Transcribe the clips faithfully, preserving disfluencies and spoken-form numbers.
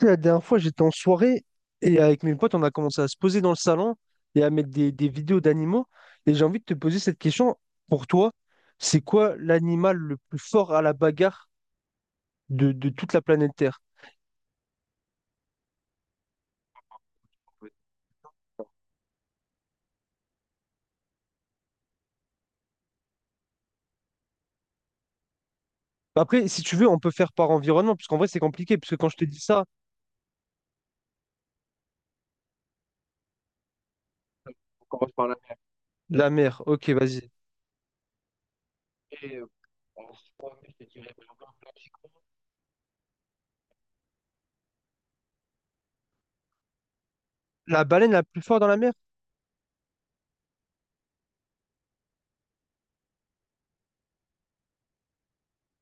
Sais, la dernière fois, j'étais en soirée et avec mes potes, on a commencé à se poser dans le salon et à mettre des, des vidéos d'animaux. Et j'ai envie de te poser cette question. Pour toi, c'est quoi l'animal le plus fort à la bagarre de, de toute la planète Terre? Après, si tu veux, on peut faire par environnement, parce qu'en vrai, c'est compliqué, parce que quand je te dis ça, la mer, ok, vas-y. La baleine la plus forte dans la mer?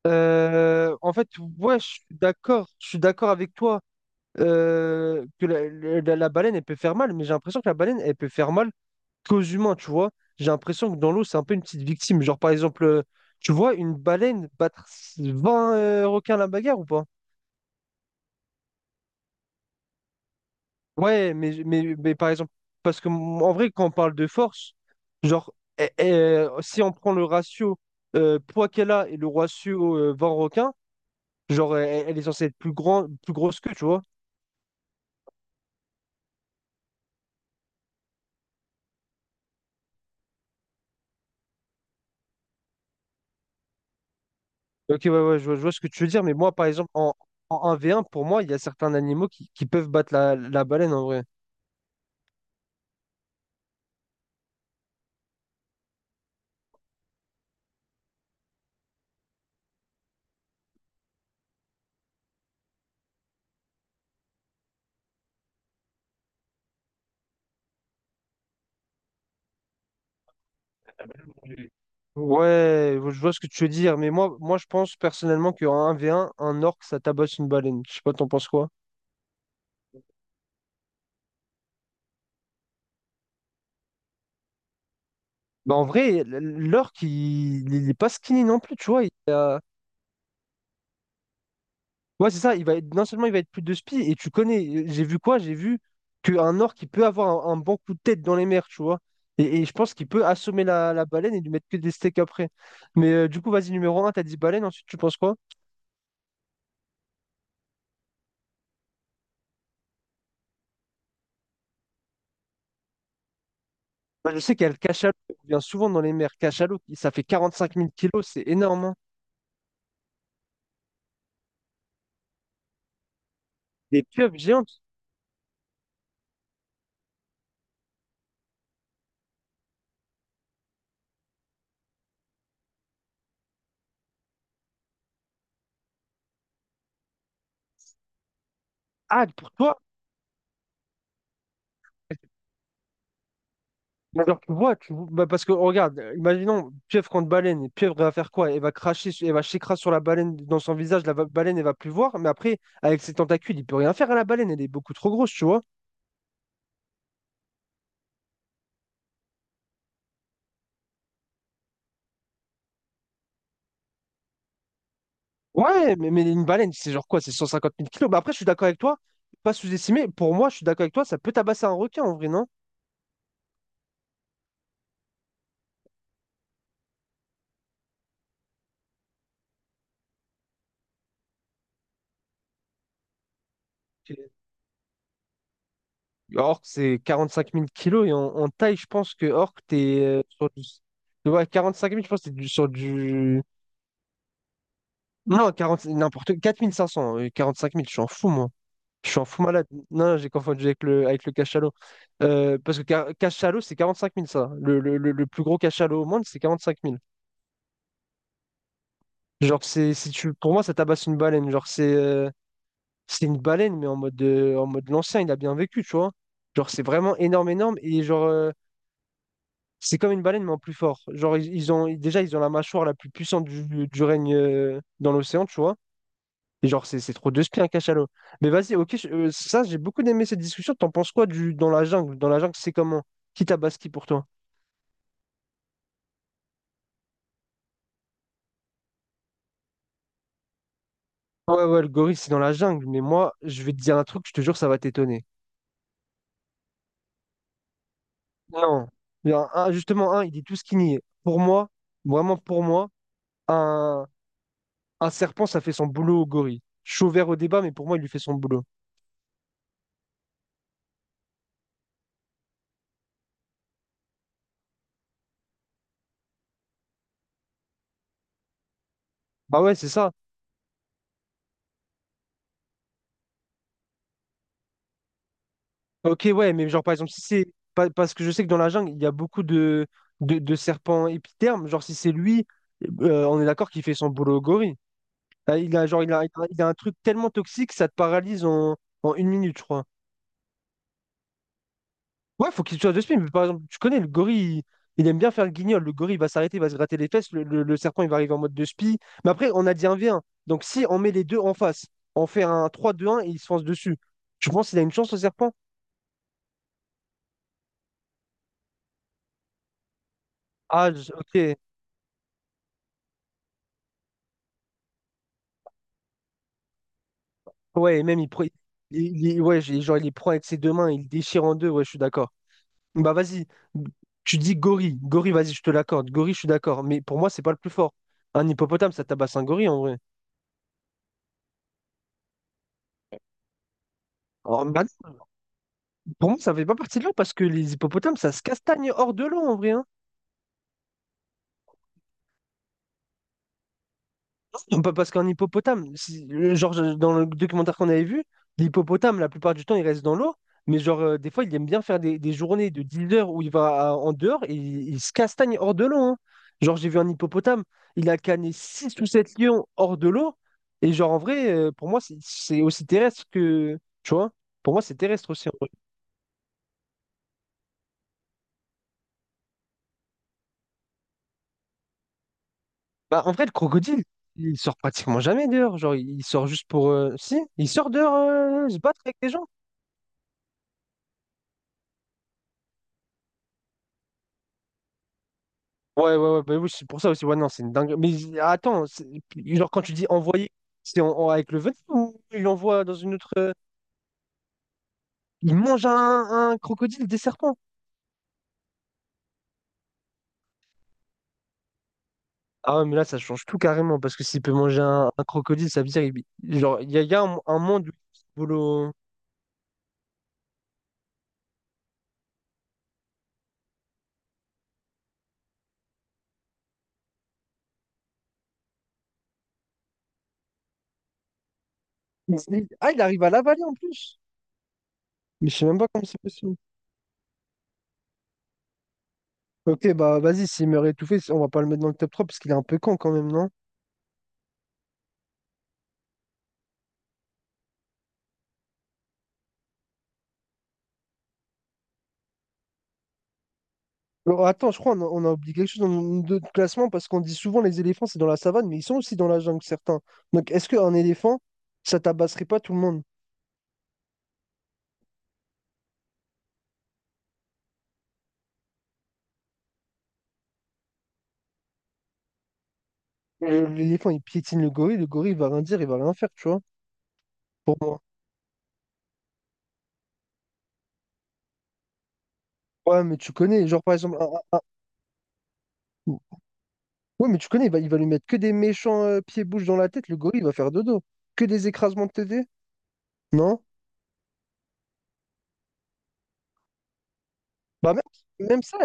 Euh, en fait, ouais, je suis d'accord, je suis d'accord avec toi, euh, que la, la- la baleine, elle peut faire mal, mais j'ai l'impression que la baleine, elle peut faire mal qu'aux humains, tu vois. J'ai l'impression que dans l'eau, c'est un peu une petite victime. Genre, par exemple, euh, tu vois une baleine battre vingt euh, requins à la bagarre ou pas? Ouais, mais, mais, mais par exemple, parce que m- en vrai, quand on parle de force, genre, eh, eh, si on prend le ratio, euh, poids qu'elle a et le ratio, euh, vingt requins, genre, elle, elle est censée être plus grand, plus grosse que, tu vois. Ok, ouais, ouais, je vois, je vois ce que tu veux dire, mais moi, par exemple, en, en un v un, pour moi, il y a certains animaux qui, qui peuvent battre la, la baleine en vrai. Ouais, je vois ce que tu veux dire, mais moi, moi je pense personnellement qu'en un v un, un orque, ça tabasse une baleine. Je sais pas, t'en penses quoi? Bah, en vrai, l'orque, il il est pas skinny non plus, tu vois. il a- Ouais, c'est ça, il va être... non seulement il va être plus de spi, et tu connais, j'ai vu quoi? J'ai vu qu'un orque, il peut avoir un, un bon coup de tête dans les mers, tu vois. Et, et je pense qu'il peut assommer la, la baleine et lui mettre que des steaks après. Mais, euh, du coup, vas-y, numéro un t'as dit baleine, ensuite tu penses quoi? Moi, je sais qu'il y a le cachalot, qui vient souvent dans les mers. Cachalot, ça fait quarante cinq mille kilos, c'est énorme, hein. Des pieuvres géantes. Ah, pour toi? Mais genre, tu vois, tu vois- bah, parce que regarde, euh, imaginons pieuvre contre baleine, et pieuvre elle va faire quoi? Elle va cracher, su- elle va s'écraser sur la baleine dans son visage, la va- baleine elle va plus voir, mais après, avec ses tentacules, il peut rien faire à la baleine, elle est beaucoup trop grosse, tu vois. Ouais, mais, mais une baleine, c'est genre quoi? C'est cent cinquante mille kilos. Mais après, je suis d'accord avec toi, pas sous-estimé, pour moi, je suis d'accord avec toi, ça peut tabasser un requin en vrai, non? Orc, c'est quarante-cinq mille kilos, et en, en taille, je pense que orc, t'es, euh, sur du. Ouais, quarante-cinq mille, je pense que t'es du- sur du. Non, quarante n'importe, quatre mille cinq cents, euh, cinq mille. Je suis en fou, moi. Je suis en fou malade. Non, j'ai confondu avec le, avec le, cachalot. Euh, parce que ca- cachalot, c'est quarante cinq mille ça. Le, le, le, le plus gros cachalot au monde, c'est quarante cinq mille. Genre, c'est, si tu, pour moi, ça tabasse une baleine. Genre, c'est, euh, c'est une baleine, mais en mode, euh, en mode l'ancien, il a bien vécu, tu vois. Genre, c'est vraiment énorme, énorme. Et genre, euh, c'est comme une baleine, mais en plus fort. Genre, ils, ils ont, déjà, ils ont la mâchoire la plus puissante du, du règne, euh, dans l'océan, tu vois. Et genre, c'est c'est trop de spi un cachalot. Mais vas-y, ok, je- euh, ça, j'ai beaucoup aimé cette discussion. T'en penses quoi du dans la jungle? Dans la jungle, c'est comment? Qui tabaski pour toi? Ouais, ouais, le gorille, c'est dans la jungle. Mais moi, je vais te dire un truc, je te jure, ça va t'étonner. Non. Il y a un- justement, un, il dit tout ce qu'il nie. Pour moi, vraiment pour moi, un, un serpent, ça fait son boulot au gorille. Je suis ouvert au débat, mais pour moi, il lui fait son boulot. Bah ouais, c'est ça. Ok, ouais, mais genre par exemple, si c'est. Pa- parce que je sais que dans la jungle, il y a beaucoup de, de, de serpents épithermes. Genre, si c'est lui, euh, on est d'accord qu'il fait son boulot au gorille. Ah, il a, genre, il a, il a- il a un truc tellement toxique, ça te paralyse en, en une minute, je crois. Ouais, faut qu'il soit de spin. Mais par exemple, tu connais le gorille, il, il aime bien faire le guignol. Le gorille il va s'arrêter, il va se gratter les fesses. Le, le- le serpent, il va arriver en mode de spi. Mais après, on a dit un v un. Donc, si on met les deux en face, on fait un trois deux un et il se fonce dessus, tu penses qu'il a une chance au serpent? Ah, je- ok. Ouais, et même il, pre- il, il- ouais, j'ai- genre, il les prend avec ses deux mains, il les déchire en deux, ouais, je suis d'accord. Bah vas-y, tu dis gorille, gorille, vas-y, je te l'accorde, gorille, je suis d'accord, mais pour moi, c'est pas le plus fort. Un hippopotame, ça tabasse un gorille en vrai. Alors, bah, pour moi, ça fait pas partie de l'eau parce que les hippopotames, ça se castagne hors de l'eau en vrai, hein. Pas parce qu'un hippopotame, si- genre je- dans le documentaire qu'on avait vu, l'hippopotame, la plupart du temps, il reste dans l'eau, mais genre, euh, des fois, il aime bien faire des, des journées de dix heures où il va à- en dehors et il, il se castagne hors de l'eau, hein. Genre, j'ai vu un hippopotame, il a canné six ou sept lions hors de l'eau, et genre en vrai, euh, pour moi, c'est c'est aussi terrestre que. Tu vois? Pour moi, c'est terrestre aussi, en vrai. Bah, en vrai, le crocodile, il sort pratiquement jamais dehors. Genre, il il sort juste pour. euh, Si, il sort dehors, euh, se battre avec les gens. Ouais, ouais, ouais, bah oui, c'est pour ça aussi. Ouais, non, c'est une dingue. Mais j- attends, c'est- genre quand tu dis envoyer, c'est en- en- avec le venin ou il envoie dans une autre. euh, Il mange un, un crocodile, des serpents. Ah ouais, mais là, ça change tout carrément parce que s'il peut manger un, un crocodile, ça veut dire. il- Genre, il y a, il y a un, un monde où il vole au- il- ah, il arrive à l'avaler en plus. Mais je sais même pas comment c'est possible. Ok, bah vas-y, s'il meurt étouffé, on va pas le mettre dans le top trois parce qu'il est un peu con quand même, non? Alors, attends, je crois qu'on a, on a oublié quelque chose dans notre classement parce qu'on dit souvent les éléphants, c'est dans la savane, mais ils sont aussi dans la jungle, certains. Donc, est-ce qu'un éléphant, ça tabasserait pas tout le monde? Euh, L'éléphant, il piétine le gorille, le gorille, il va rien dire, il va rien faire, tu vois, pour moi. Ouais, mais tu connais, genre par exemple, un- un- ouais, mais tu connais, il va, il va lui mettre que des méchants, euh, pieds-bouches dans la tête, le gorille, il va faire dodo. Que des écrasements de T D? Non? Bah, même, même ça,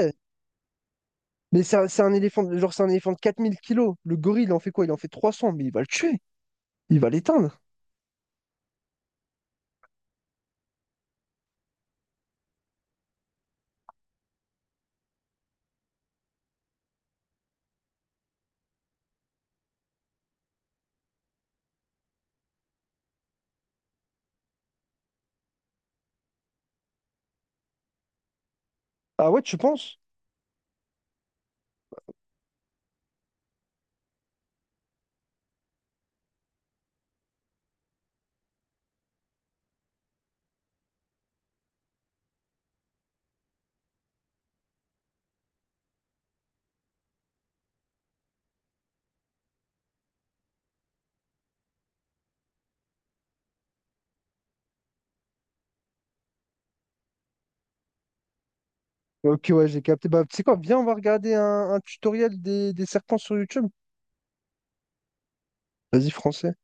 mais c'est un, c'est un éléphant, de- genre, c'est un éléphant de quatre mille kilos. Le gorille, il en fait quoi? Il en fait trois cents, mais il va le tuer. Il va l'éteindre. Ah ouais, tu penses? Ok, ouais, j'ai capté. Bah, tu sais quoi, viens, on va regarder un, un tutoriel des, des serpents sur YouTube. Vas-y, français.